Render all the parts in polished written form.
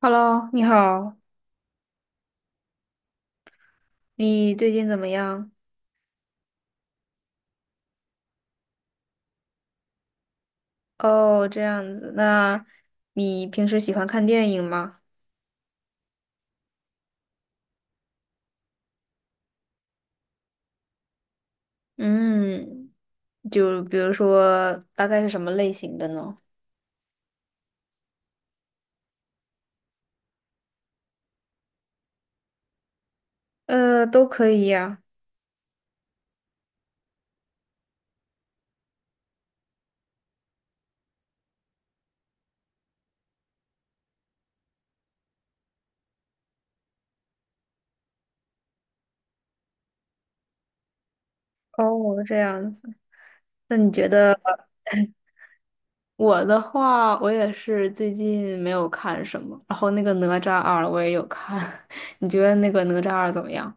Hello，你好，你最近怎么样？哦，这样子，那你平时喜欢看电影吗？嗯，就比如说，大概是什么类型的呢？都可以呀。哦，这样子，那你觉得 我的话，我也是最近没有看什么，然后那个《哪吒二》我也有看，你觉得那个《哪吒二》怎么样？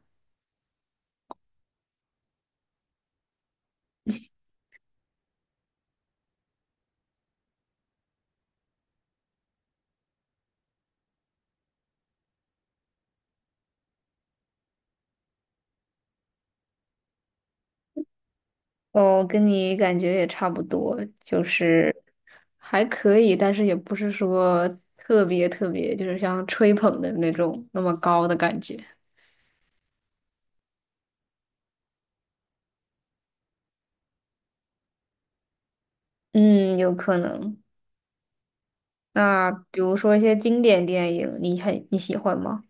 哦，跟你感觉也差不多，就是还可以，但是也不是说特别特别，就是像吹捧的那种那么高的感觉。嗯，有可能。那比如说一些经典电影，你喜欢吗？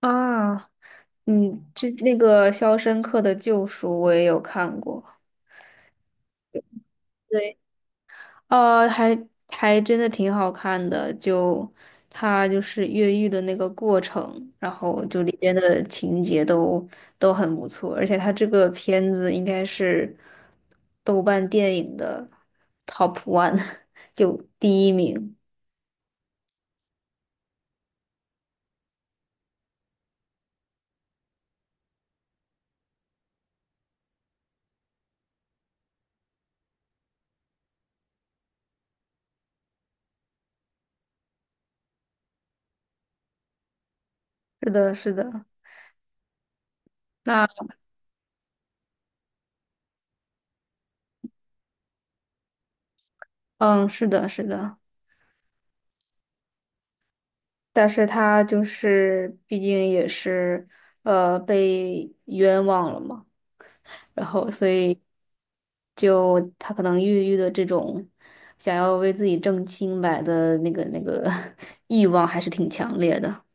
啊，嗯，这那个《肖申克的救赎》我也有看过。对。呃，还还真的挺好看的，就他就是越狱的那个过程，然后就里边的情节都很不错，而且他这个片子应该是豆瓣电影的 top one,就第一名。是的，是的，那嗯，是的，是的，但是他就是毕竟也是被冤枉了嘛。然后所以就他可能抑郁的这种想要为自己挣清白的那个 欲望还是挺强烈的。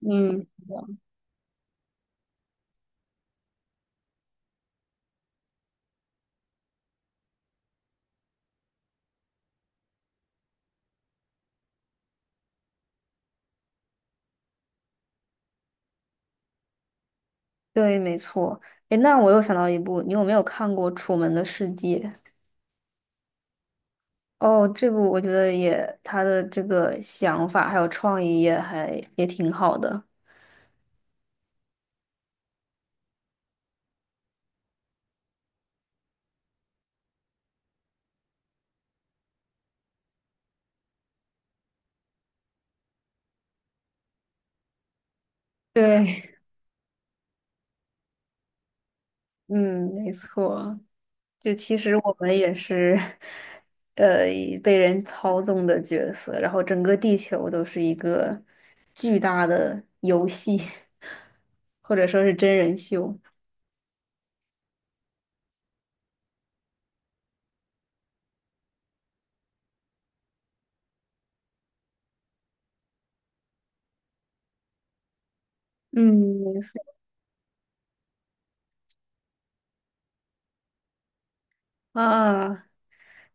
嗯，对，没错。诶，那我又想到一部，你有没有看过《楚门的世界》？哦，这部我觉得也他的这个想法还有创意也还也挺好的。对，嗯，没错。就其实我们也是，呃，被人操纵的角色，然后整个地球都是一个巨大的游戏，或者说是真人秀。嗯，没错。啊，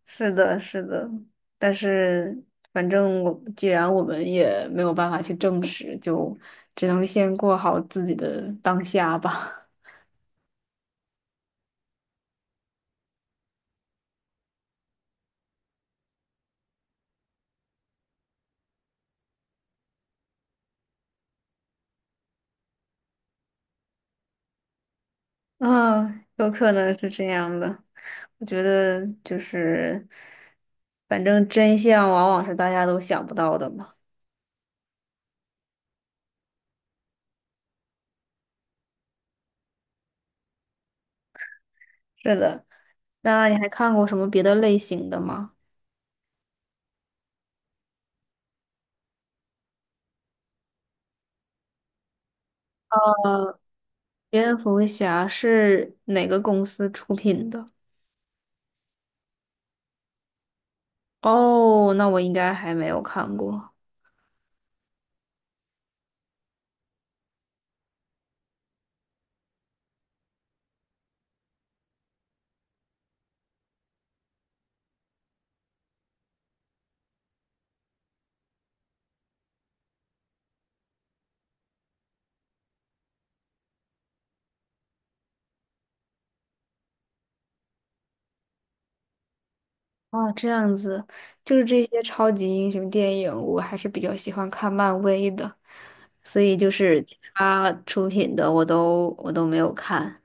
是的，是的，但是反正我既然我们也没有办法去证实，就只能先过好自己的当下吧。啊，有可能是这样的。我觉得就是，反正真相往往是大家都想不到的嘛。是的，那你还看过什么别的类型的吗？呃，蝙蝠侠是哪个公司出品的？哦，那我应该还没有看过。哦，这样子，就是这些超级英雄电影，我还是比较喜欢看漫威的，所以就是他出品的我都没有看。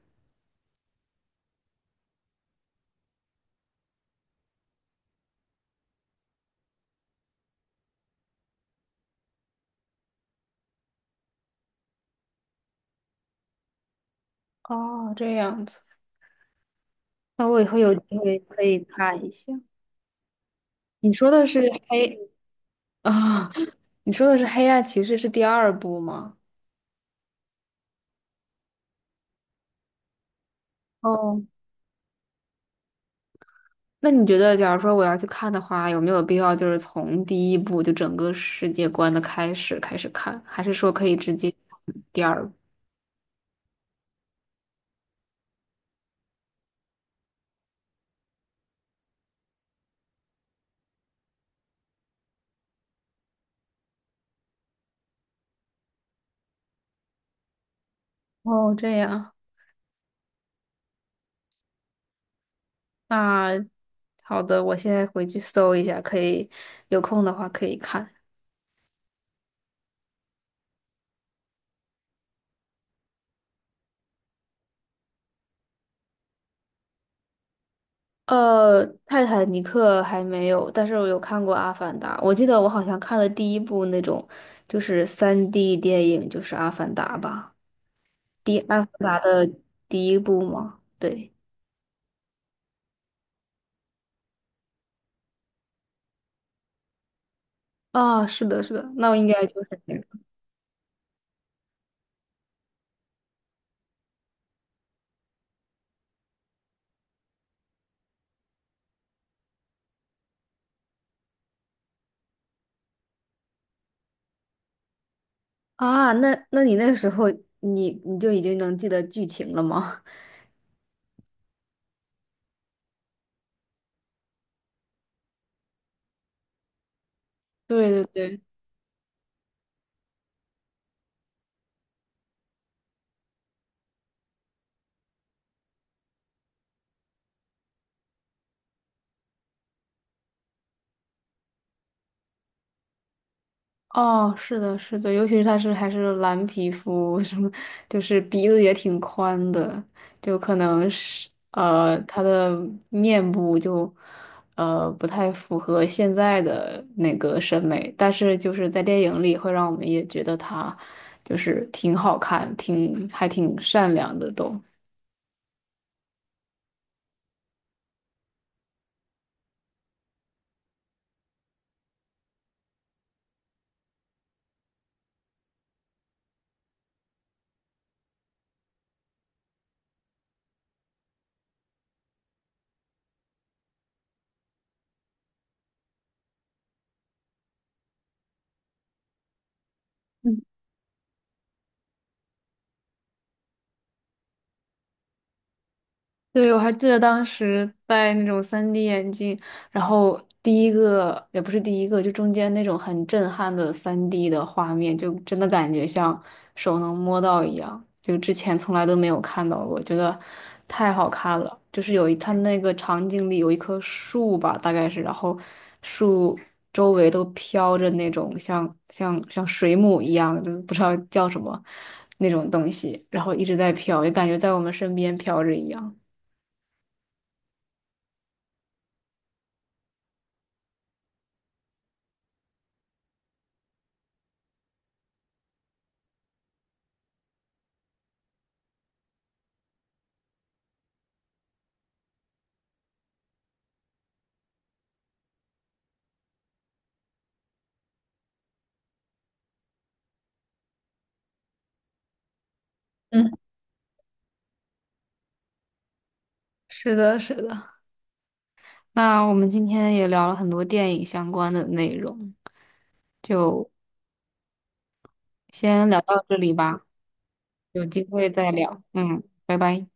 哦，这样子，那我以后有嗯机会可以看一下。你说的是黑啊？你说的是《黑暗骑士》是第二部吗？哦，那你觉得，假如说我要去看的话，有没有必要就是从第一部就整个世界观的开始看，还是说可以直接第二部？哦，这样，那好的，我现在回去搜一下，可以有空的话可以看。泰坦尼克还没有，但是我有看过《阿凡达》。我记得我好像看了第一部那种就是三 d 电影，就是《阿凡达》吧？第《阿凡达》的第一部吗？对，啊，是的，是的，那我应该就是这个啊。那你那个时候你就已经能记得剧情了吗？对，哦，是的，是的，尤其是他是还是蓝皮肤，什么就是鼻子也挺宽的，就可能是他的面部就不太符合现在的那个审美，但是就是在电影里会让我们也觉得他就是挺好看，挺还挺善良的都。对，我还记得当时戴那种 3D 眼镜，然后第一个也不是第一个，就中间那种很震撼的 3D 的画面，就真的感觉像手能摸到一样，就之前从来都没有看到过，觉得太好看了。就是有一，它那个场景里有一棵树吧，大概是，然后树周围都飘着那种像水母一样，就是不知道叫什么那种东西，然后一直在飘，就感觉在我们身边飘着一样。嗯，是的，是的。那我们今天也聊了很多电影相关的内容，就先聊到这里吧，有机会再聊。嗯，拜拜。